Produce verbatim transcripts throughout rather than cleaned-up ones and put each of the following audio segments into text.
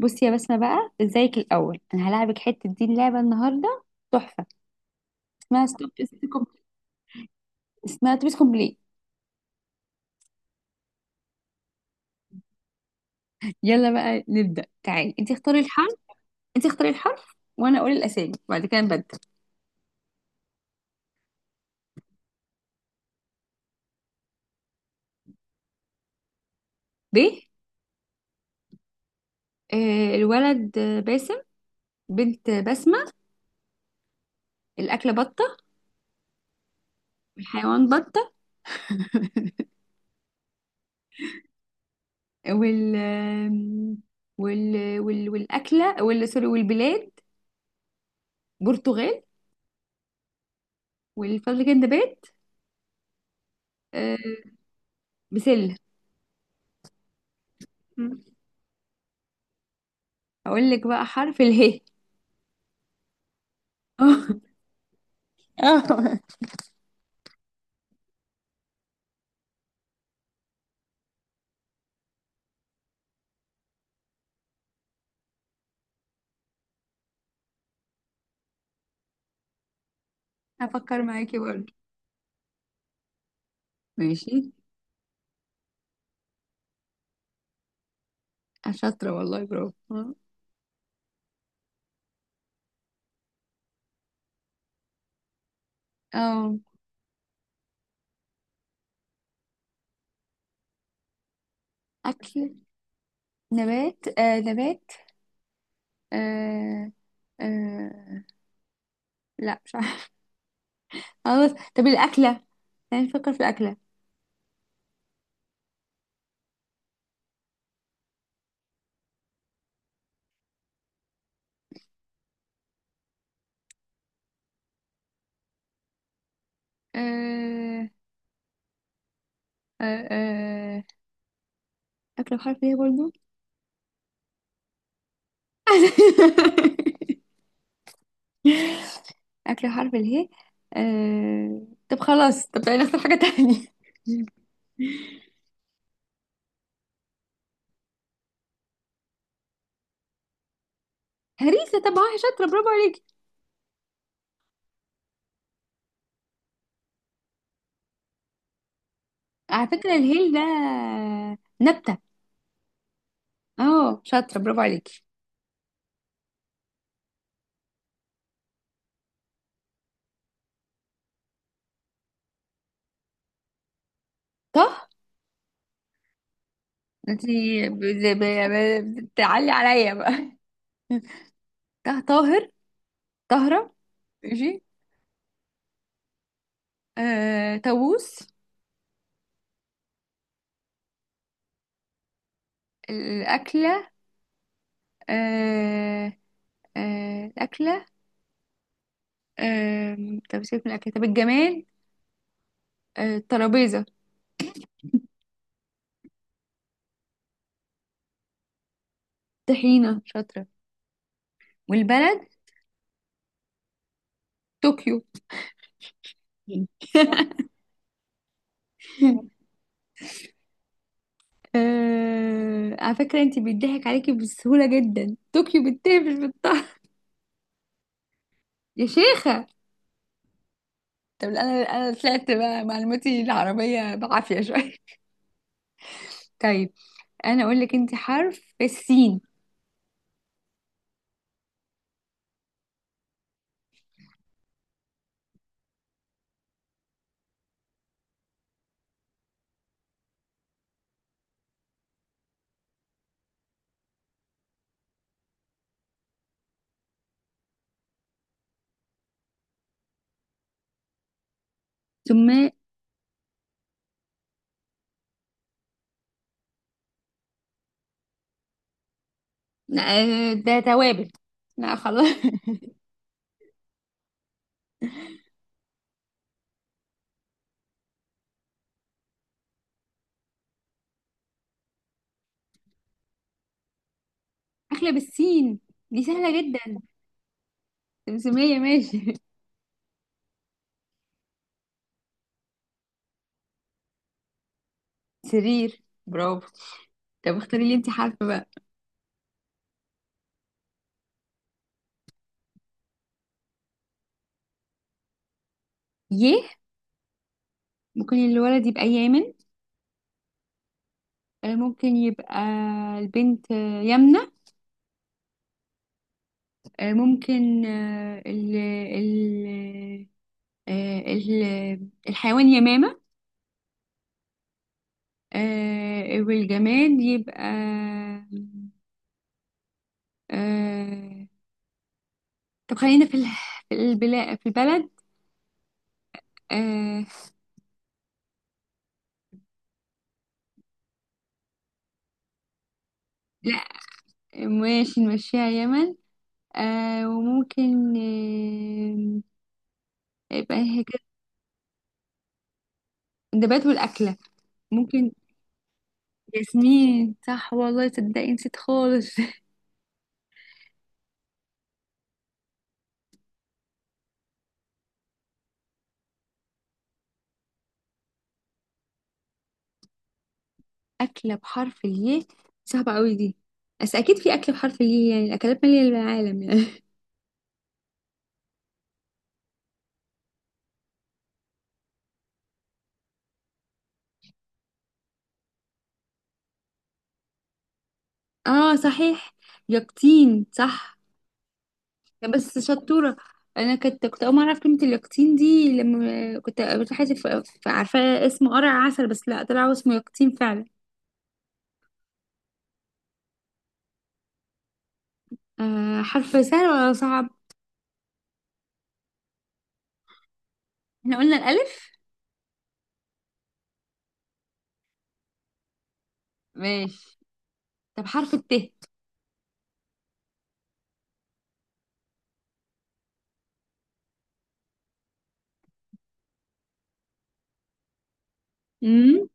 بصي يا بسمة بقى، ازيك الأول؟ أنا هلاعبك حتة دي اللعبة النهاردة، تحفة. اسمها ستوب. اسمها توبيس كومبلي. يلا بقى نبدأ، تعالي انت اختاري الحرف. انت اختاري الحرف وأنا أقول الأسامي، وبعد كده نبدل. ب. آه، الولد آه، باسم. بنت آه، بسمة. الأكلة بطة. والحيوان بطة. وال آم، وال وال والأكلة وال سوري، والبلاد برتغال. والفضل كان نبات. آه، بسلة. هقول لك بقى حرف اله. اه. اه. هفكر معاكي برضه. ماشي. شاطرة والله، برافو. اه. آه، أكل. نبات آه نبات آه آه لا مش عارفة. خلاص. طب الأكلة، يعني نفكر في الأكلة. آه آه آه أكلة بحرف ايه برضه. أكلة بحرف اله. آه طب خلاص. طب تعالي نختار حاجة تانية. هريسة، طب اه شاطرة برافو عليكي. على فكرة الهيل ده نبتة. اه شاطرة برافو عليكي. طه. انتي ب- ب- ب- يعني بتعلي عليا بقى. ط- طاهر. طهرة. ماشي. آه... طاووس. الأكلة. آه... آه... الأكلة. آه... طب سيبك من الأكلة، طب الجمال. آه... الترابيزة. طحينة، شاطرة. والبلد طوكيو. آه... على فكرة انتي بيضحك عليكي بسهولة جدا. طوكيو بالتاء مش بالطه. يا شيخة. طب انا انا طلعت بقى معلوماتي العربية بعافية شوية. طيب انا اقول لك انت حرف السين. ثم آه، ده توابل. لا خلاص. اكله بالسين دي سهله جدا. سمسميه، ماشي. سرير، برافو. طب اختاري لي انت حرف بقى. ي. ممكن الولد يبقى يامن. آه، ممكن يبقى البنت آه، يمنة. آه، ممكن آه، ال ال آه، ال- الحيوان يمامة. آه، والجماد يبقى. آه، طب خلينا في ال- في البلاد في البلد. آه. لا ماشي، نمشيها يمن. آه وممكن آه يبقى هي كده. النبات والأكلة ممكن ياسمين، صح. والله تصدقي نسيت خالص. أكلة بحرف الياء. صعبة قوي دي، بس أكيد في أكلة بحرف الياء، يعني الأكلات مالية العالم يعني. اه صحيح، يقطين صح. بس شطورة. انا كنت كنت اول ما اعرف كلمة اليقطين دي، لما كنت قابلت حد ف- ف- عارفة اسمه قرع عسل، بس لا طلع اسمه يقطين فعلا. آه، حرف سهل ولا صعب؟ احنا قلنا الالف. ماشي، طب حرف الت. امم،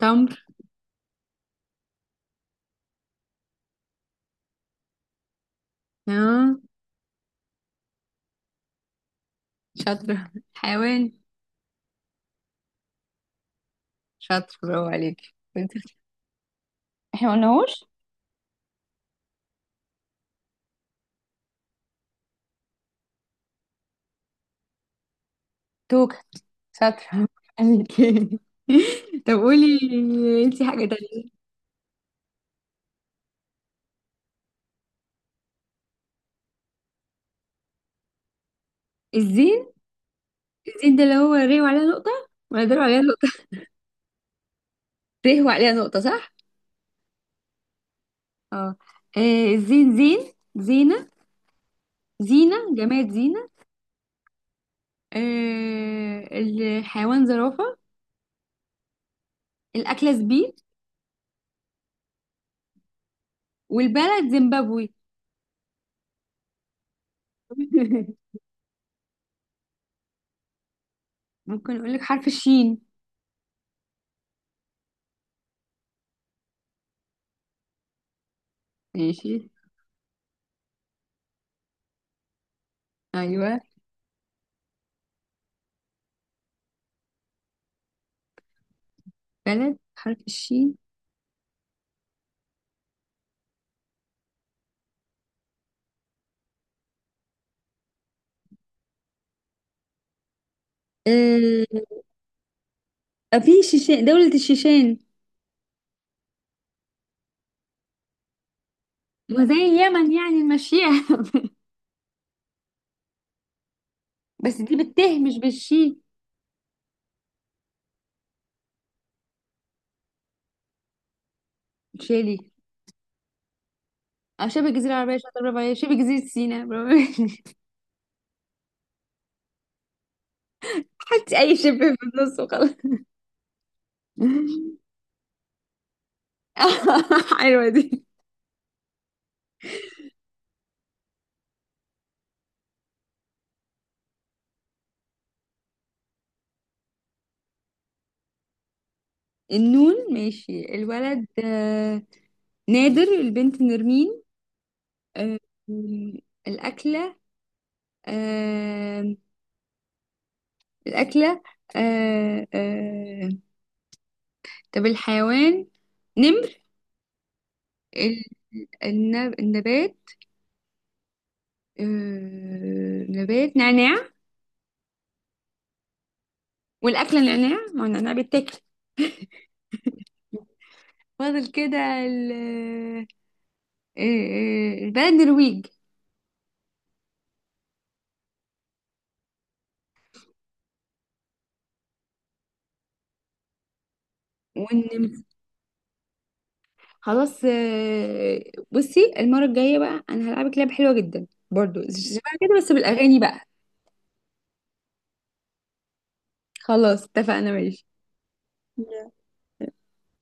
تمر. اه شاطرة. حيوان. شاطر، برافو عليكي. كنت- احنا قلناهوش. توكة، شاطرة برافو عليكي. طب قولي انتي حاجة تانية. الزين. الزين ده اللي هو ري وعليها نقطة، ولا ده اللي عليها ت وعليها نقطة، صح؟ اه. آه، زين، زين، زينة. زينة، جماد زينة. آه، الحيوان زرافة. الأكلة زبيب. والبلد زيمبابوي. ممكن أقول لك حرف الشين. ماشي. أيوة. بلد حرف الشين، آه، في شيشان، دولة الشيشان. وزي اليمن يعني المشيئة. بس دي بالت مش بالشين. شيلي. اه، شبه الجزيرة العربية، شاطر برافو عليك. شبه جزيرة سيناء، برافو عليك. حطي أي شبه في النص وخلاص. حلوة دي. النون، ماشي. الولد آه، نادر. البنت نرمين. آه، الأكلة. آه، الأكلة. آه، آه، طب الحيوان نمر. ال- النب- النبات. آه، نبات نعناع. والأكلة نعناع، ما هو النعناع بيتاكل. فاضل كده ال- آه، آه، البلد نرويج. خلاص. آه، بصي المرة الجاية بقى، انا هلعبك لعبة حلوة جدا برضو شبه كده، بس بالاغاني بقى. خلاص اتفقنا، ماشي.